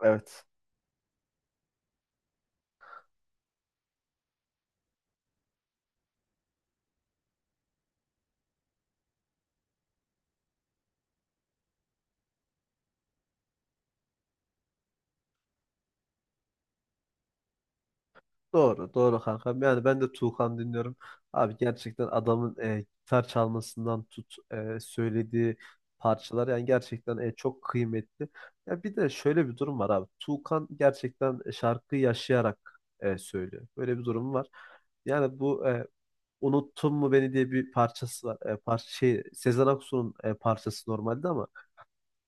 Evet. Doğru, doğru kankam. Yani ben de Tuğkan dinliyorum. Abi gerçekten adamın gitar çalmasından tut söylediği parçalar yani gerçekten çok kıymetli. Ya bir de şöyle bir durum var abi. Tuğkan gerçekten şarkıyı yaşayarak söylüyor. Böyle bir durum var. Yani bu Unuttun mu beni diye bir parçası var. Parça şey Sezen Aksu'nun parçası normalde ama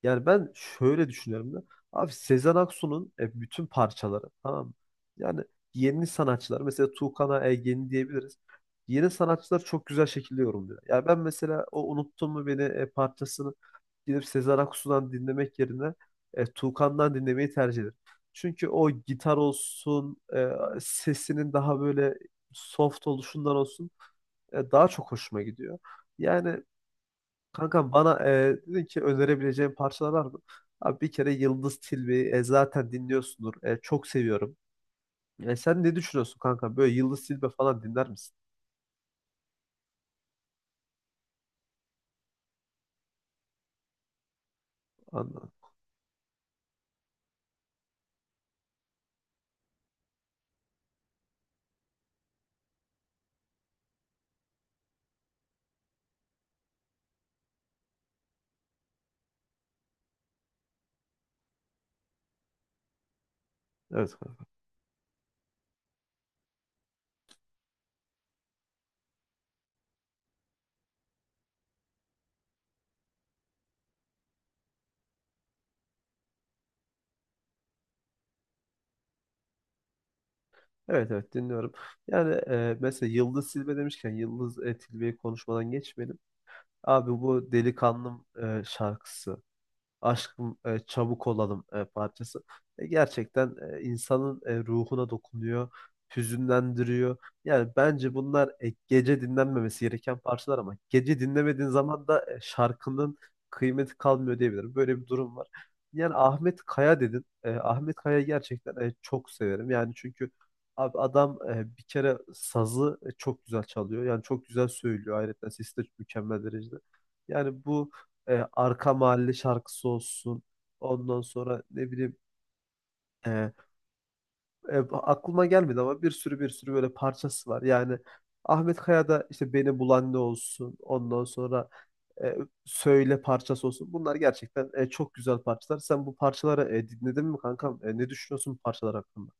yani ben şöyle düşünüyorum da. Abi Sezen Aksu'nun bütün parçaları tamam mı? Yani yeni sanatçılar mesela Tuğkan'a diyebiliriz. Yeni sanatçılar çok güzel şekilde yorumluyor. Yani ben mesela o Unuttun Mu Beni parçasını gidip Sezen Aksu'dan dinlemek yerine Tuğkan'dan dinlemeyi tercih ederim. Çünkü o gitar olsun, sesinin daha böyle soft oluşundan olsun daha çok hoşuma gidiyor. Yani kanka, bana dedin ki önerebileceğin parçalar var mı? Abi bir kere Yıldız Tilbe'yi zaten dinliyorsundur. Çok seviyorum. Sen ne düşünüyorsun kanka? Böyle Yıldız Tilbe falan dinler misin? Anladım. Evet kanka. Evet, evet, dinliyorum. Yani mesela Yıldız Tilbe demişken Yıldız Tilbe'yi konuşmadan geçmeyelim. Abi bu Delikanlım şarkısı. Aşkım çabuk olalım parçası. Gerçekten insanın ruhuna dokunuyor, hüzünlendiriyor. Yani bence bunlar gece dinlenmemesi gereken parçalar ama gece dinlemediğin zaman da şarkının kıymeti kalmıyor diyebilirim. Böyle bir durum var. Yani Ahmet Kaya dedin. Ahmet Kaya gerçekten çok severim. Yani çünkü abi adam bir kere sazı çok güzel çalıyor. Yani çok güzel söylüyor. Ayrıca sesi de mükemmel derecede. Yani bu arka mahalle şarkısı olsun. Ondan sonra ne bileyim, e, aklıma gelmedi ama bir sürü bir sürü böyle parçası var. Yani Ahmet Kaya'da işte Beni Bulan Ne olsun. Ondan sonra e, Söyle parçası olsun. Bunlar gerçekten çok güzel parçalar. Sen bu parçaları dinledin mi kankam? Ne düşünüyorsun bu parçalar hakkında?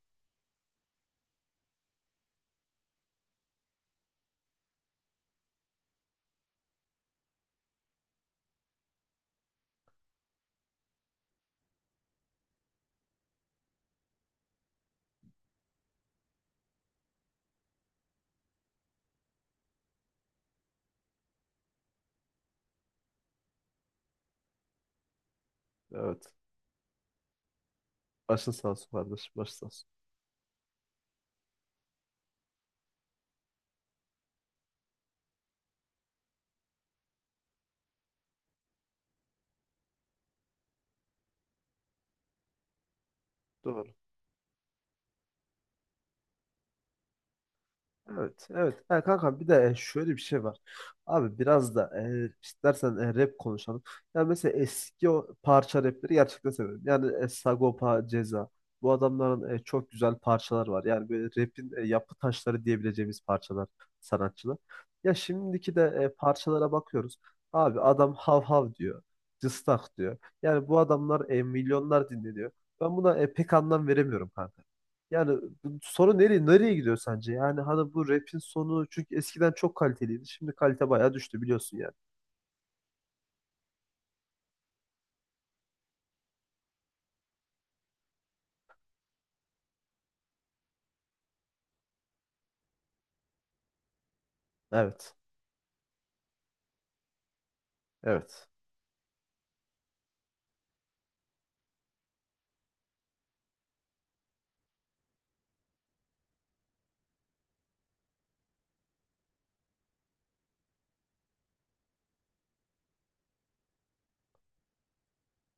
Evet. Başın sağ olsun kardeşim. Başın sağ olsun. Doğru. Evet, evet. Ha, kanka bir de şöyle bir şey var. Abi biraz da istersen rap konuşalım. Yani mesela eski o parça rapleri gerçekten seviyorum. Yani Sagopa, Ceza. Bu adamların çok güzel parçalar var. Yani böyle rapin yapı taşları diyebileceğimiz parçalar, sanatçılar. Ya şimdiki de parçalara bakıyoruz. Abi adam hav hav diyor. Cıstak diyor. Yani bu adamlar milyonlar dinleniyor. Ben buna pek anlam veremiyorum kanka. Yani bu sorun nereye nereye gidiyor sence? Yani hani bu rap'in sonu, çünkü eskiden çok kaliteliydi. Şimdi kalite bayağı düştü biliyorsun yani. Evet. Evet.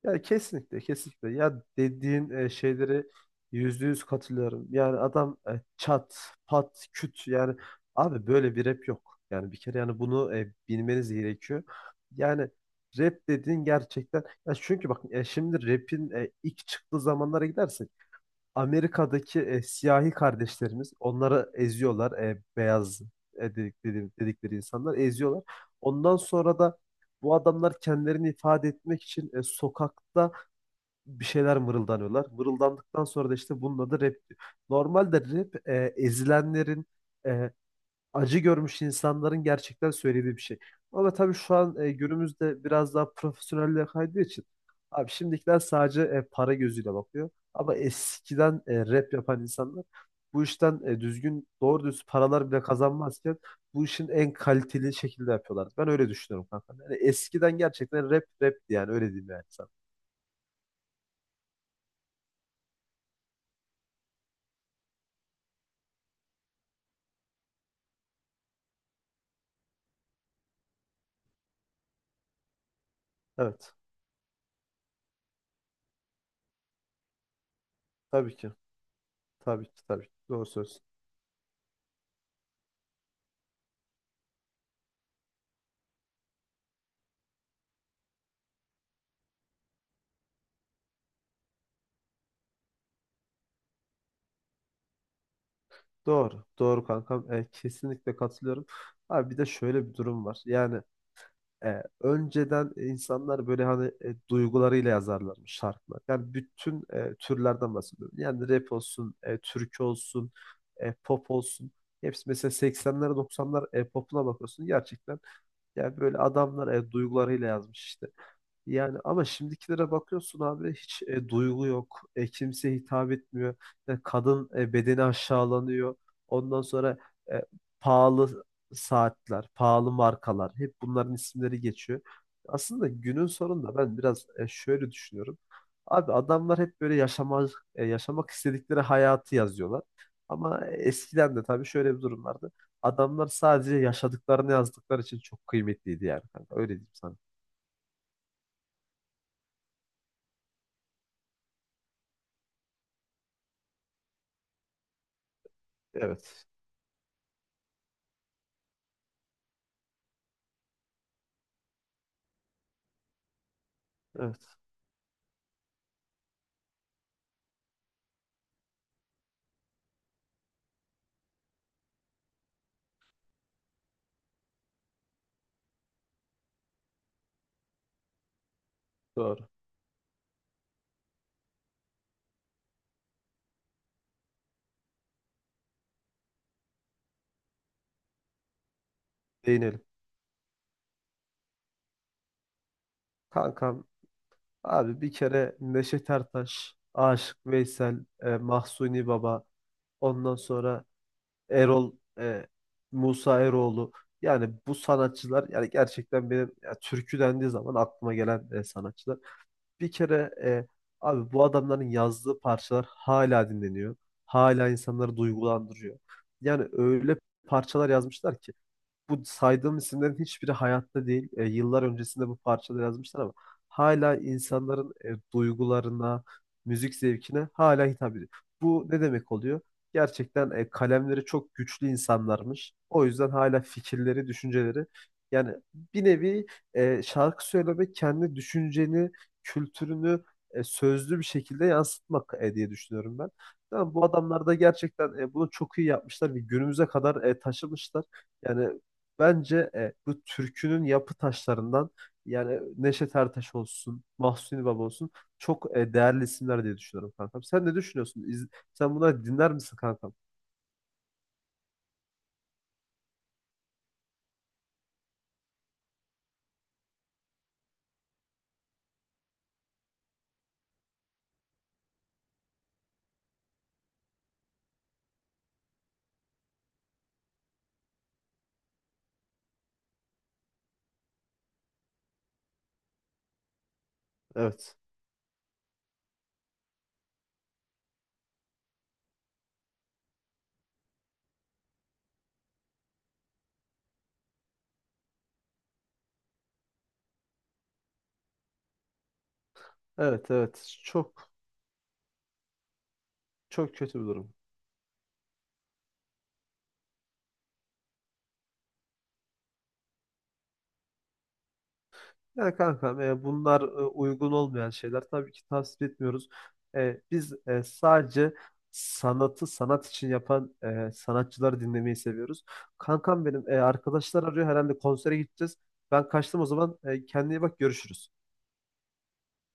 Yani kesinlikle, kesinlikle. Ya dediğin şeyleri yüzde yüz katılıyorum. Yani adam çat, pat, küt, yani abi böyle bir rap yok. Yani bir kere yani bunu bilmeniz gerekiyor. Yani rap dediğin gerçekten ya, çünkü bak şimdi rap'in ilk çıktığı zamanlara gidersen Amerika'daki siyahi kardeşlerimiz onları eziyorlar. Beyaz, dedikleri insanlar eziyorlar. Ondan sonra da bu adamlar kendilerini ifade etmek için sokakta bir şeyler mırıldanıyorlar. Mırıldandıktan sonra da işte bunun adı rap diyor. Normalde rap ezilenlerin, e, acı görmüş insanların gerçekten söylediği bir şey. Ama tabii şu an günümüzde biraz daha profesyonelliğe kaydığı için abi şimdikiler sadece para gözüyle bakıyor. Ama eskiden rap yapan insanlar bu işten düzgün doğru düz paralar bile kazanmazken bu işin en kaliteli şekilde yapıyorlardı. Ben öyle düşünüyorum kanka. Yani eskiden gerçekten rap rapti, yani öyle diyeyim yani sana. Evet. Tabii ki. Tabii ki. Tabii ki. Doğru söz. Doğru. Doğru kankam. Kesinlikle katılıyorum. Abi bir de şöyle bir durum var. Yani önceden insanlar böyle hani duygularıyla yazarlarmış şarkılar. Yani bütün türlerden bahsediyorum. Yani rap olsun, türkü olsun, pop olsun. Hepsi mesela 80'ler 90'lar popuna bakıyorsun gerçekten. Yani böyle adamlar duygularıyla yazmış işte. Yani ama şimdikilere bakıyorsun abi hiç duygu yok. Kimseye hitap etmiyor. Kadın bedeni aşağılanıyor. Ondan sonra e, pahalı saatler, pahalı markalar hep bunların isimleri geçiyor. Aslında günün sonunda ben biraz şöyle düşünüyorum. Abi adamlar hep böyle yaşamak istedikleri hayatı yazıyorlar. Ama eskiden de tabii şöyle bir durum vardı. Adamlar sadece yaşadıklarını yazdıkları için çok kıymetliydi yani, kanka. Öyle diyeyim sana. Evet. Evet. Doğru. Değinelim. Kankam abi bir kere Neşet Ertaş, Aşık Veysel, Mahsuni Baba, ondan sonra Erol, e, Musa Eroğlu. Yani bu sanatçılar, yani gerçekten benim ya, türkü dendiği zaman aklıma gelen sanatçılar. Bir kere abi bu adamların yazdığı parçalar hala dinleniyor. Hala insanları duygulandırıyor. Yani öyle parçalar yazmışlar ki Bu saydığım isimlerin hiçbiri hayatta değil. Yıllar öncesinde bu parçaları yazmışlar ama hala insanların duygularına, müzik zevkine hala hitap ediyor. Bu ne demek oluyor? Gerçekten kalemleri çok güçlü insanlarmış. O yüzden hala fikirleri, düşünceleri, yani bir nevi şarkı söylemek kendi düşünceni, kültürünü sözlü bir şekilde yansıtmak diye düşünüyorum ben. Tamam, bu adamlar da gerçekten bunu çok iyi yapmışlar ve günümüze kadar taşımışlar. Yani bence bu türkünün yapı taşlarından, yani Neşet Ertaş olsun, Mahsuni Baba olsun çok değerli isimler diye düşünüyorum kankam. Sen ne düşünüyorsun? Sen bunları dinler misin kankam? Evet. Evet, evet. Çok çok kötü bir durum. Yani kankam bunlar uygun olmayan şeyler. Tabii ki tavsiye etmiyoruz. Biz sadece sanatı sanat için yapan sanatçıları dinlemeyi seviyoruz. Kankam benim arkadaşlar arıyor herhalde, konsere gideceğiz. Ben kaçtım o zaman. Kendine iyi bak, görüşürüz.